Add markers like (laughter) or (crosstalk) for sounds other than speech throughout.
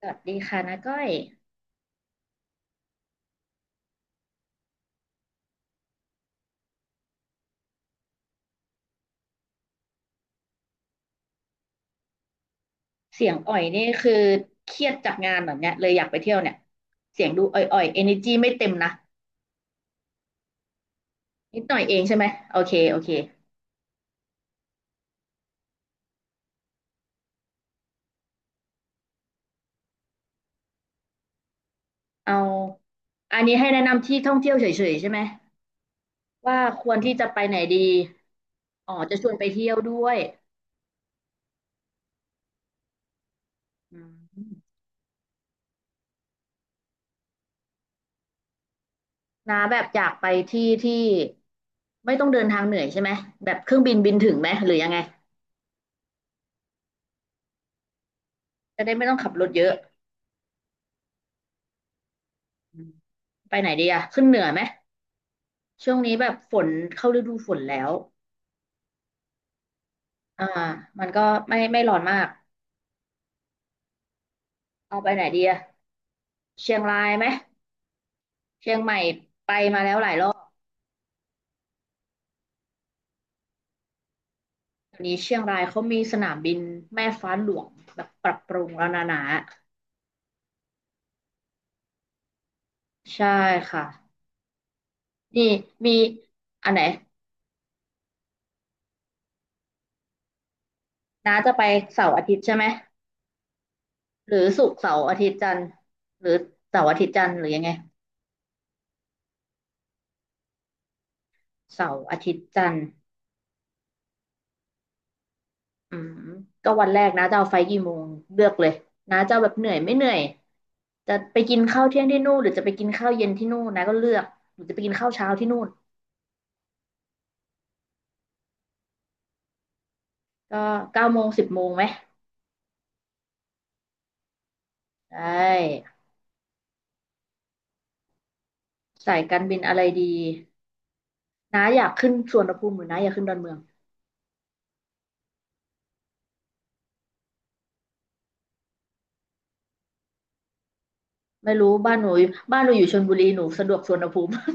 สวัสดีค่ะนาก้อยเสียงอ่อยนี่คือเครียดจากงานแบบเนี้ยเลยอยากไปเที่ยวเนี่ยเสียงดูอ่อยๆ energy ไม่เต็มนะนิดหน่อยเองใช่ไหมโอเคโอเคเอาอันนี้ให้แนะนำที่ท่องเที่ยวเฉยๆใช่ไหมว่าควรที่จะไปไหนดีอ๋อจะชวนไปเที่ยวด้วยอืมนาแบบอยากไปที่ที่ไม่ต้องเดินทางเหนื่อยใช่ไหมแบบเครื่องบินบินถึงไหมหรือยังไงจะได้ไม่ต้องขับรถเยอะอืมไปไหนดีอะขึ้นเหนือไหม ช่วงนี้แบบฝนเข้าฤดูฝนแล้ว อ่ามันก็ไม่ร้อนมาก เอาไปไหนดีอะ เชียงรายไหมเชียงใหม่ไปมาแล้วหลายรอบเดี๋ยวนี้เชียงรายเขามีสนามบินแม่ฟ้าหลวงแบบปรับปรุงแล้วนะใช่ค่ะ นี่มีอันไหนน้าจะไปเสาร์อาทิตย์ใช่ไหมหรือศุกร์เสาร์อาทิตย์จันทร์หรือเสาร์อาทิตย์จันทร์หรือยังไงเสาร์อาทิตย์จันทร์ อืมก็วันแรกนะจะเอาไฟล์กี่โมงเลือกเลยนะจะเอาแบบเหนื่อยไม่เหนื่อยจะไปกินข้าวเที่ยงที่นู่นหรือจะไปกินข้าวเย็นที่นู่นนะก็เลือกหรือจะไปกินข้าวเช้าที่นู่นก็9 โมง 10 โมงไหมได้สายการบินอะไรดีนะอยากขึ้นสุวรรณภูมิหรือนะอยากขึ้นดอนเมืองไม่รู้บ้านหนูอยู่ชลบุรีหนูสะดวกสุวรรณภูมิ (laughs)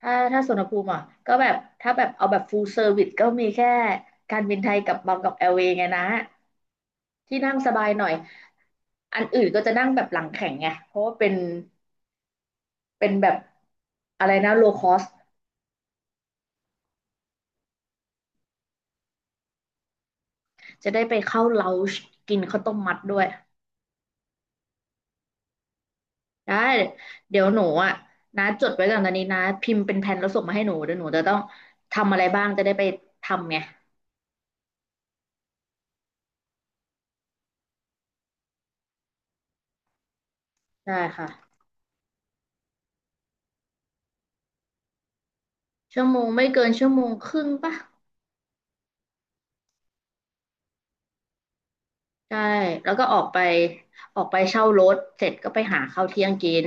ถ้าสุวรรณภูมิอ่ะก็แบบถ้าแบบเอาแบบ full service ก็มีแค่การบินไทยกับบางกอกแอร์เวย์ไงนะที่นั่งสบายหน่อยอันอื่นก็จะนั่งแบบหลังแข็งไงเพราะว่าเป็นแบบอะไรนะ low cost จะได้ไปเข้า lounge กินข้าวต้มมัดด้วยได้เดี๋ยวหนูอ่ะนะจดไว้ก่อนตอนนี้นะพิมพ์เป็นแผนแล้วส่งมาให้หนูเดี๋ยวหนูจะต้องทำอะไรบ้างจะได้ไปทำไงได้ค่ะชั่วโมงไม่เกินชั่วโมงครึ่งปะ ใช่แล้วก็ออกไปเช่ารถเสร็จก็ไปหาข้าวเที่ยงกิน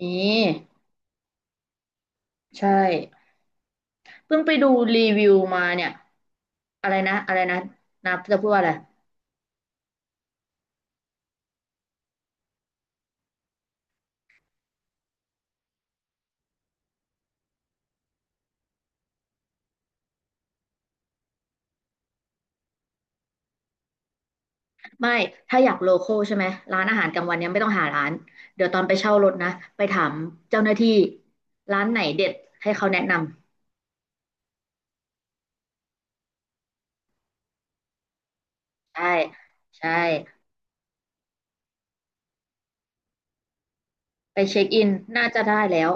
นี่ใช่เพิ่งไปดูรีวิวมาเนี่ยอะไรนะนะจะพูดว่าอะไรไม่ถ้าอยากโลคอลใช่ไหมร้านอาหารกลางวันเนี่ยไม่ต้องหาร้านเดี๋ยวตอนไปเช่ารถนะไปถามเจ้าหน้าที่ร้านไหนเด็ดให้เขาแนะนำใช่ใช่ไปเช็คอินน่าจะได้แล้ว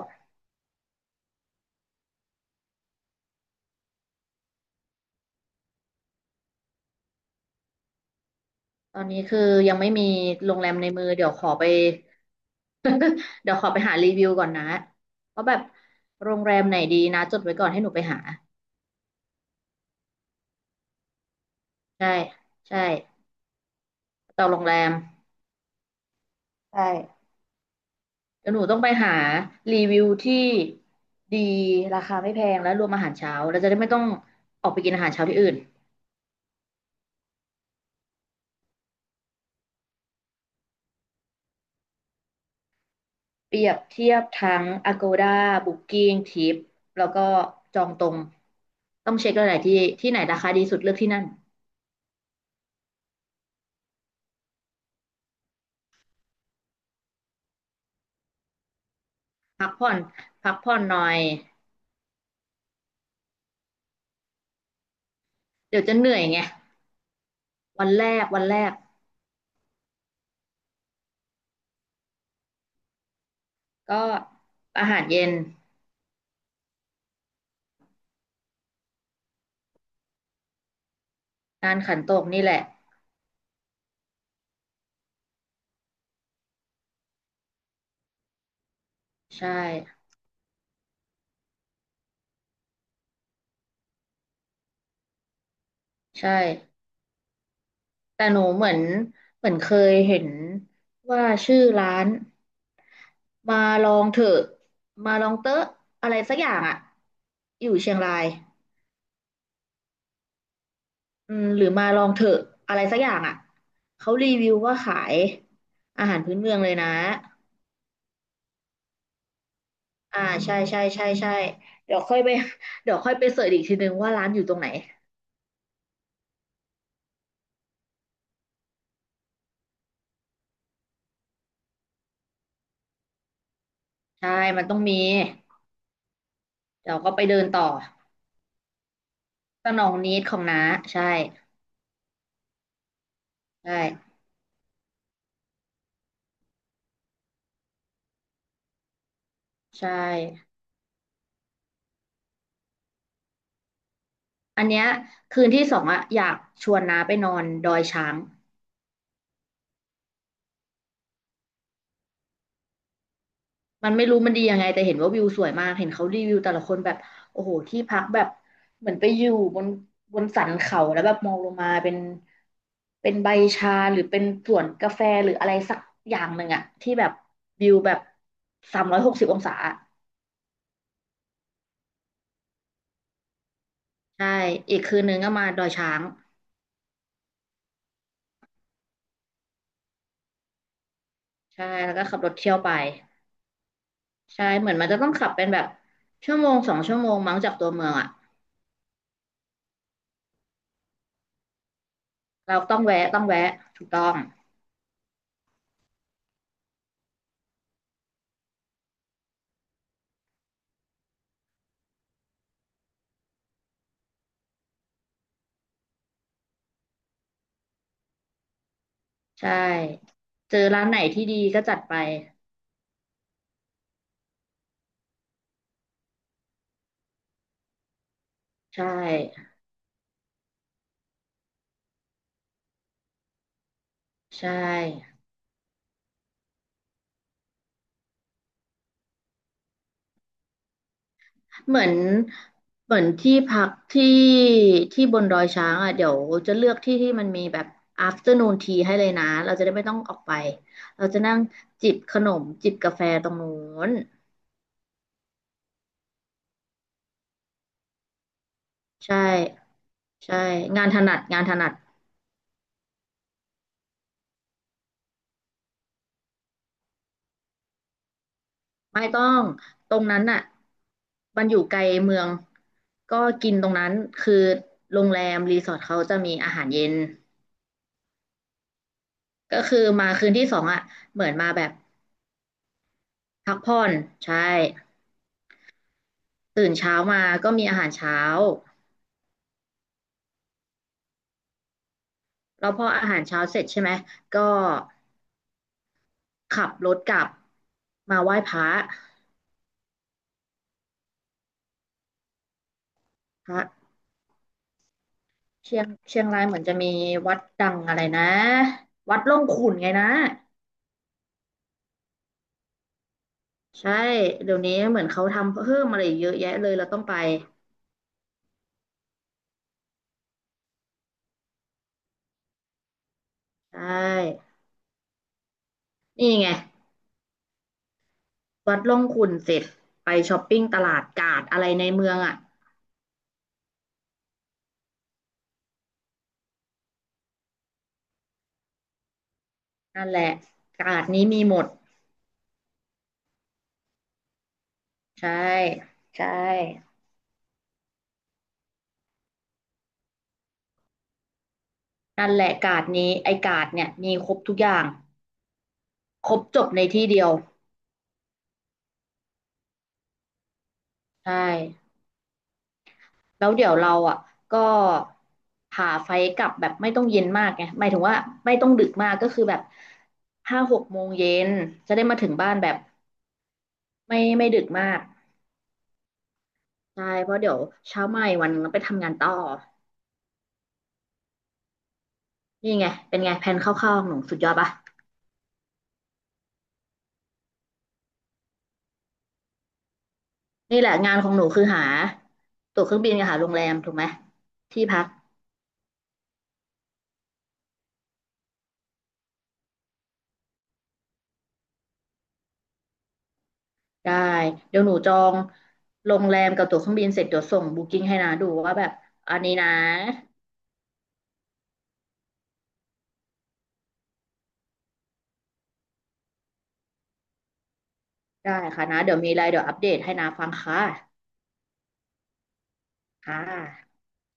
ตอนนี้คือยังไม่มีโรงแรมในมือเดี๋ยวขอไป (laughs) เดี๋ยวขอไปหารีวิวก่อนนะว่าแบบโรงแรมไหนดีนะจดไว้ก่อนให้หนูไปหาใช่ใช่ต่อโรงแรมใช่เดี๋ยวหนูต้องไปหารีวิวที่ดีราคาไม่แพงและรวมอาหารเช้าเราจะได้ไม่ต้องออกไปกินอาหารเช้าที่อื่นเปรียบเทียบทั้ง Agoda Booking Trip แล้วก็จองตรงต้องเช็คหลายๆที่ที่ไหนราคาดีสุดเลือกที่นั่นพักผ่อนพักผ่อนหน่อยเดี๋ยวจะเหนื่อยไงวันแรกวันแรก ก็อาหารเย็นร้านขันโตกนี่แหละใช่ใช่แต่หนูเหมือนเหมือนเคยเห็นว่าชื่อร้านมาลองเถอะมาลองเตอะอะไรสักอย่างอ่ะอยู่เชียงรายอืมหรือมาลองเถอะอะไรสักอย่างอ่ะเขารีวิวว่าขายอาหารพื้นเมืองเลยนะอ่าใช่ใช่ใช่ใช่เดี๋ยวค่อยไปเดี๋ยวค่อยไปเสิร์ชอีกทีนึงว่าร้านอยู่ตรงไหนใช่มันต้องมีเดี๋ยวก็ไปเดินต่อ สนองนิดของน้าใช่ใช่ใช่อันเนี้ยคืนที่สองอะอยากชวนน้าไปนอนดอยช้างมันไม่รู้มันดียังไงแต่เห็นว่าวิวสวยมากเห็นเขารีวิวแต่ละคนแบบโอ้โหที่พักแบบเหมือนไปอยู่บนบนสันเขาแล้วแบบมองลงมาเป็นเป็นใบชาหรือเป็นสวนกาแฟหรืออะไรสักอย่างหนึ่งอะที่แบบวิวแบบ360 องศาอะใช่อีกคืนนึงก็มาดอยช้างใช่แล้วก็ขับรถเที่ยวไป ใช่เหมือนมันจะต้องขับเป็นแบบชั่วโมง2 ชั่วโมงมั้งจากตัวเมืองอ่ะเราต้องแวะต้องแวะถูกต้องใช่เจอร้านไหนที่ดีก็จัดไปใช่ใช่เหมือนเหมือนที่พักที่ที่บนดอยช้างอ่ะเดี๋ยวจะเลือกที่ที่มันมีแบบ afternoon tea ให้เลยนะเราจะได้ไม่ต้องออกไปเราจะนั่งจิบขนมจิบกาแฟตรงนู้นใช่ใช่งานถนัดงานถนัด ไม่ต้องตรงนั้นน่ะมันอยู่ไกลเมืองก็กินตรงนั้นคือโรงแรมรีสอร์ทเขาจะมีอาหารเย็นก็คือมาคืนที่สองอ่ะเหมือนมาแบบพักผ่อนใช่ตื่นเช้ามาก็มีอาหารเช้าแล้วพออาหารเช้าเสร็จใช่ไหมก็ขับรถกลับมาไหว้พระพระเชียงรายเหมือนจะมีวัดดังอะไรนะวัดร่องขุ่นไงนะ ใช่เดี๋ยวนี้เหมือนเขาทำเพิ่มอะไรอีกเยอะแยะเลยเราต้องไปใช่นี่ไงวัดร่องขุ่นเสร็จไปช้อปปิ้งตลาดกาดอะไรในเมืองอ่ะนั่นแหละกาดนี้มีหมดใช่ใช่นั่นแหละกาดนี้ไอ้กาดเนี่ยมีครบทุกอย่างครบจบในที่เดียวใช่แล้วเดี๋ยวเราอ่ะก็หาไฟกลับแบบไม่ต้องเย็นมากไงหมายถึงว่าไม่ต้องดึกมากก็คือแบบ5-6 โมงเย็นจะได้มาถึงบ้านแบบ ไม่ดึกมากใช่เพราะเดี๋ยวเช้าใหม่วันหนึงต้องไปทำงานต่อนี่ไงเป็นไงแผนคร่าวๆของหนูสุดยอดปะนี่แหละงานของหนูคือหาตั๋วเครื่องบินกับหาโรงแรมถูกไหมที่พักได้เดี๋ยวหนูจองโรงแรมกับตั๋วเครื่องบินเสร็จเดี๋ยวส่งบุ๊กิ้งให้นาดูว่าแบบอันนี้นะได้ค่ะนะเดี๋ยวมีอะไรเดี๋ยวอัปเดตให้นาฟังค่ะค่ะ